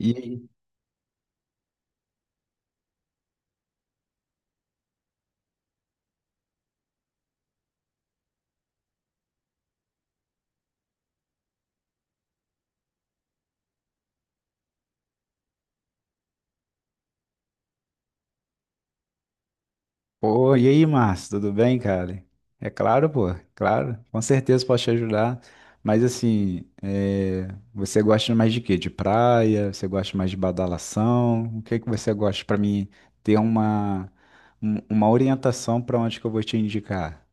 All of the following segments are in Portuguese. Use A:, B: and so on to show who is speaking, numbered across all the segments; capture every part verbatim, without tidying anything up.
A: E aí? Pô, e aí, Márcio, tudo bem, cara? É claro, pô, é claro, com certeza posso te ajudar. Mas assim, é, você gosta mais de quê? De praia? Você gosta mais de badalação? O que que você gosta para mim ter uma, um- uma orientação para onde que eu vou te indicar?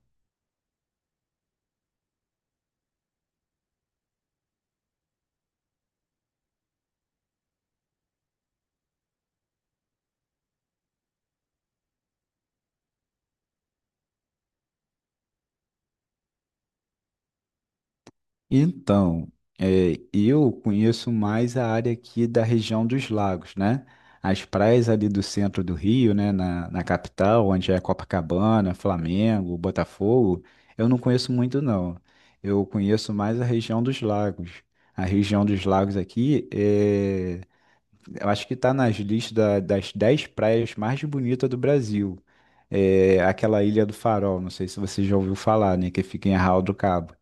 A: Então, é, eu conheço mais a área aqui da região dos lagos, né? As praias ali do centro do Rio, né? Na, na capital, onde é Copacabana, Flamengo, Botafogo, eu não conheço muito, não. Eu conheço mais a região dos lagos. A região dos lagos aqui, é, eu acho que está nas listas da- das dez praias mais bonitas do Brasil. É, aquela Ilha do Farol, não sei se você já ouviu falar, né? Que fica em Arraial do Cabo.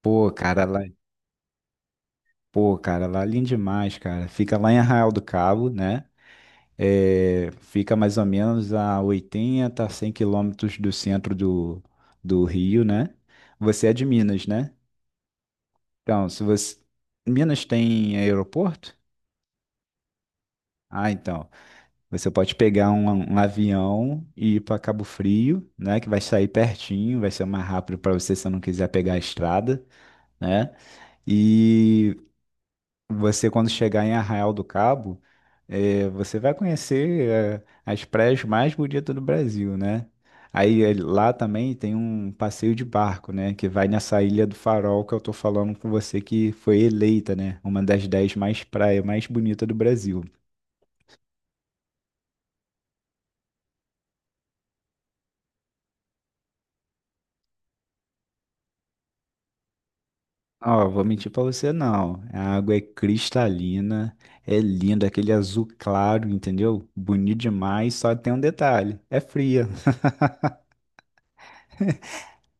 A: Pô, cara, lá. Pô, cara, lá é lindo demais, cara. Fica lá em Arraial do Cabo, né? É, fica mais ou menos a oitenta, cem quilômetros do centro do, do Rio, né? Você é de Minas, né? Então, se você... Minas tem aeroporto? Ah, então. Você pode pegar um, um avião e ir para Cabo Frio, né? Que vai sair pertinho, vai ser mais rápido para você se você não quiser pegar a estrada, né? E Você, quando chegar em Arraial do Cabo, eh, você vai conhecer eh, as praias mais bonitas do Brasil, né? Aí eh, lá também tem um passeio de barco, né? Que vai nessa Ilha do Farol que eu tô falando com você, que foi eleita, né? Uma das dez mais praias mais bonitas do Brasil. Ó, vou mentir pra você não. A água é cristalina, é linda, aquele azul claro, entendeu? Bonito demais, só tem um detalhe, é fria.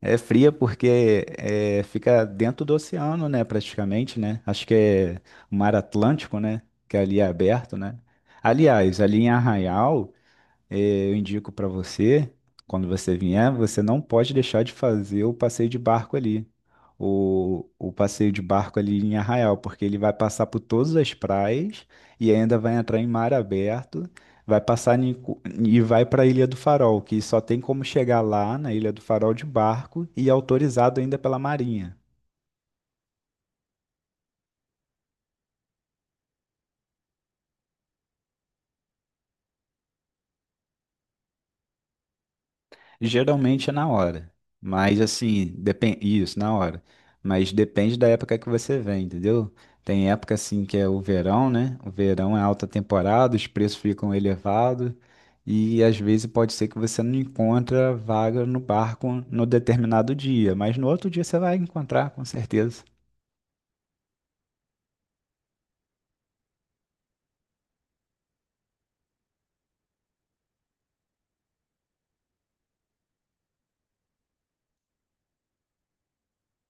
A: É fria porque é, fica dentro do oceano, né? Praticamente, né? Acho que é o Mar Atlântico, né? Que ali é aberto, né? Aliás, ali em Arraial, eh, eu indico para você, quando você vier, você não pode deixar de fazer o passeio de barco ali. O, o passeio de barco ali em Arraial, porque ele vai passar por todas as praias e ainda vai entrar em mar aberto, vai passar em cu- e vai para a Ilha do Farol, que só tem como chegar lá na Ilha do Farol de barco e é autorizado ainda pela Marinha. Geralmente é na hora, mas assim, depende isso, na hora. Mas depende da época que você vem, entendeu? Tem época assim que é o verão, né? O verão é alta temporada, os preços ficam elevados e às vezes pode ser que você não encontra vaga no barco no determinado dia, mas no outro dia você vai encontrar com certeza.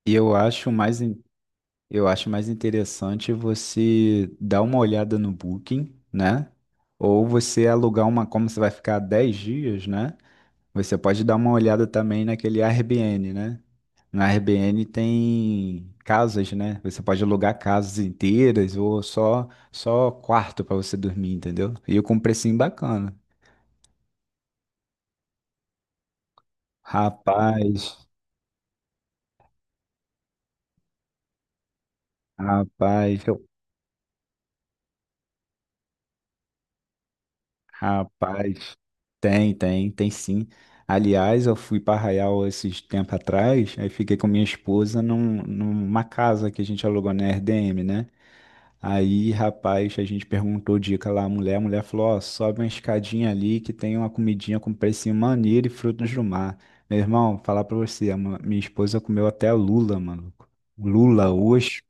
A: E eu acho mais, in- eu acho mais interessante você dar uma olhada no Booking, né? Ou você alugar uma, como você vai ficar dez dias, né? Você pode dar uma olhada também naquele Airbnb, né? No Airbnb tem casas, né? Você pode alugar casas inteiras ou só só quarto para você dormir, entendeu? E com um precinho bacana. Rapaz, rapaz, eu- rapaz. Tem, tem, tem sim. Aliás, eu fui para Arraial esses tempo atrás, aí fiquei com minha esposa num, numa casa que a gente alugou na Airbnb, né? Aí, rapaz, a gente perguntou dica lá à mulher. A mulher falou: Ó, sobe uma escadinha ali que tem uma comidinha com precinho maneiro e frutos do mar. Meu irmão, falar pra você, a ma- minha esposa comeu até lula, maluco. Lula, oxe,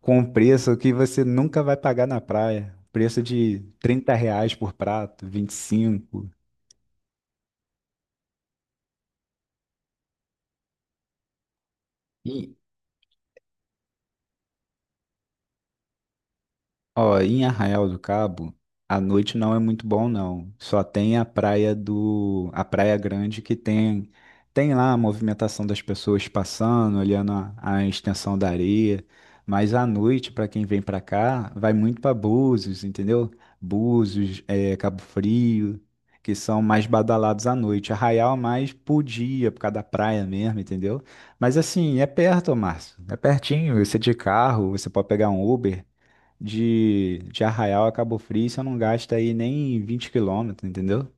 A: com preço que você nunca vai pagar na praia. Preço de trinta reais por prato, vinte e cinco. Ó, em Arraial do Cabo, a noite não é muito bom, não. Só tem a praia do, a Praia Grande que tem, tem lá a movimentação das pessoas passando, olhando a, a extensão da areia. Mas à noite, para quem vem para cá, vai muito para Búzios, entendeu? Búzios, eh, Cabo Frio, que são mais badalados à noite. Arraial é mais por dia, por causa da praia mesmo, entendeu? Mas assim, é perto, Márcio. É pertinho. Você de carro, você pode pegar um Uber de, de Arraial a Cabo Frio, você não gasta aí nem vinte quilômetros, entendeu?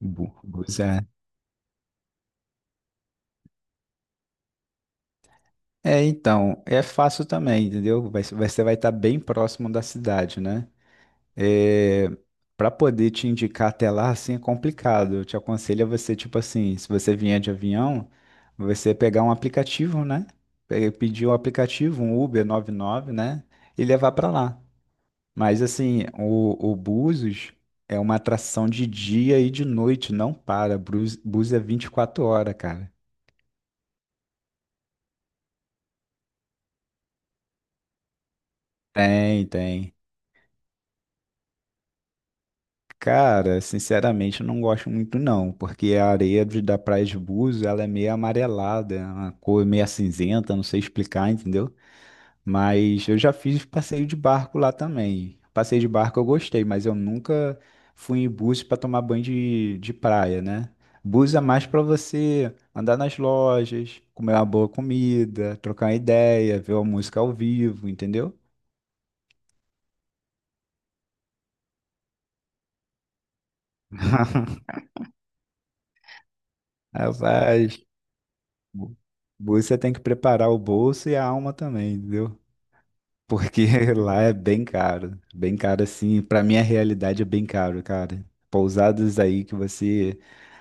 A: Bu- Bus é. É, então, é fácil também, entendeu? Vai- Você vai estar bem próximo da cidade, né? É, Para poder te indicar até lá, assim, é complicado. Eu te aconselho a você, tipo assim, se você vier de avião, você pegar um aplicativo, né? Pe- Pedir um aplicativo, um Uber noventa e nove, né? E levar para lá. Mas assim, o, o Búzios é uma atração de dia e de noite, não para. Búzios, Búzios é vinte e quatro horas, cara. Tem, tem. Cara, sinceramente, eu não gosto muito não, porque a areia de- da Praia de Búzios, ela é meio amarelada, é uma cor meio cinzenta, não sei explicar, entendeu? Mas eu já fiz passeio de barco lá também. Passeio de barco eu gostei, mas eu nunca fui em búzios para tomar banho de, de praia, né? Búzios é mais para você andar nas lojas, comer uma boa comida, trocar uma ideia, ver uma música ao vivo, entendeu? Rapaz, bu- búzios você tem que preparar o bolso e a alma também, entendeu? Porque lá é bem caro, bem caro assim, pra minha realidade é bem caro, cara. Pousadas aí que você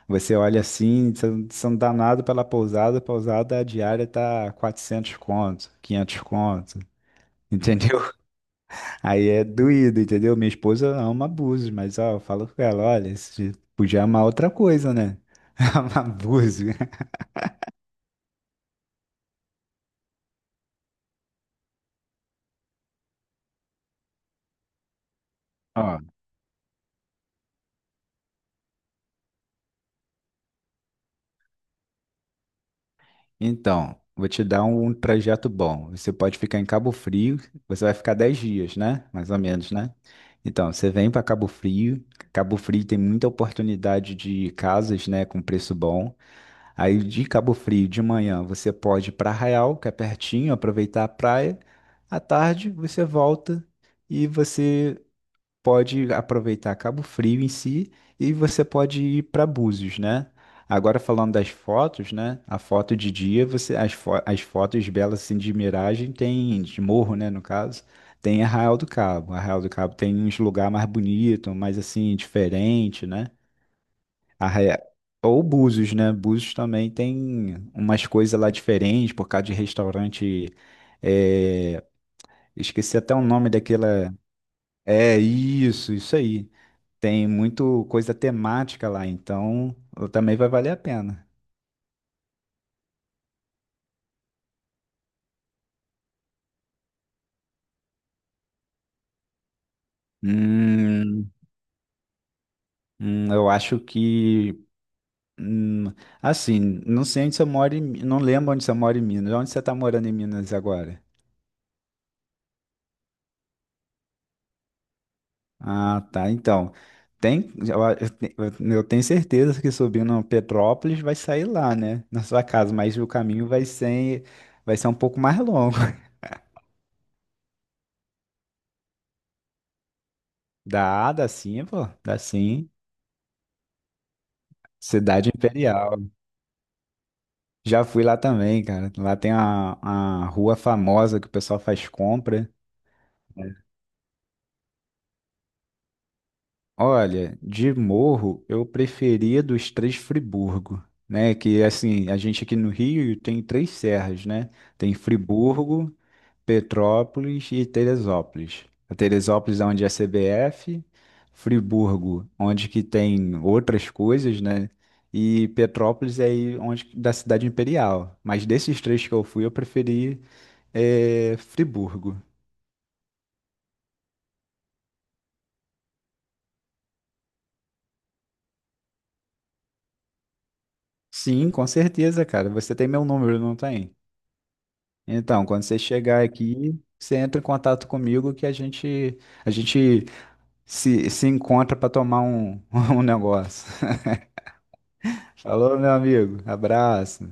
A: você olha assim, você não você dá nada pela pousada, a pousada diária tá quatrocentos conto, quinhentos conto, entendeu? Aí é doído, entendeu? Minha esposa ama abusos, mas ó, eu falo com ela, olha, você podia amar outra coisa, né? Amar abuso. Então, vou te dar um trajeto bom. Você pode ficar em Cabo Frio, você vai ficar dez dias, né? Mais ou menos, né? Então, você vem para Cabo Frio. Cabo Frio tem muita oportunidade de casas, né, com preço bom. Aí de Cabo Frio, de manhã, você pode ir para Arraial, que é pertinho, aproveitar a praia. À tarde, você volta e você pode aproveitar Cabo Frio em si e você pode ir para Búzios, né? Agora falando das fotos, né? A foto de dia, você as, fo- as fotos belas assim de miragem tem de morro, né, no caso, tem Arraial do Cabo. Arraial do Cabo tem uns lugar mais bonito, mais assim diferente, né? Arraia- Ou Búzios, né? Búzios também tem umas coisas lá diferentes por causa de restaurante, é, esqueci até o nome daquela. É isso, isso aí. Tem muito coisa temática lá, então também vai valer a pena. Hum, hum, eu acho que. hum, assim, não sei onde você mora em, Mi- não lembro onde você mora em Minas. Onde você está morando em Minas agora? Ah, tá. Então, tem, eu, a- eu te- eu- eu tenho certeza que subindo Petrópolis vai sair lá, né? Na sua casa, mas o caminho vai ser, vai ser um pouco mais longo. Dá, dá sim, pô. Dá sim. Cidade Imperial. Já fui lá também, cara. Lá tem a, a rua famosa que o pessoal faz compra. Olha, de morro eu preferia dos três Friburgo, né? Que assim, a gente aqui no Rio tem três serras, né? Tem Friburgo, Petrópolis e Teresópolis. A Teresópolis é onde é a C B F, Friburgo, onde que tem outras coisas, né? E Petrópolis é aí onde da cidade imperial. Mas desses três que eu fui, eu preferi É, Friburgo. Sim, com certeza, cara. Você tem meu número, não tem? Então, quando você chegar aqui, você entra em contato comigo que a gente a gente se, se encontra para tomar um, um negócio. Falou, meu amigo. Abraço.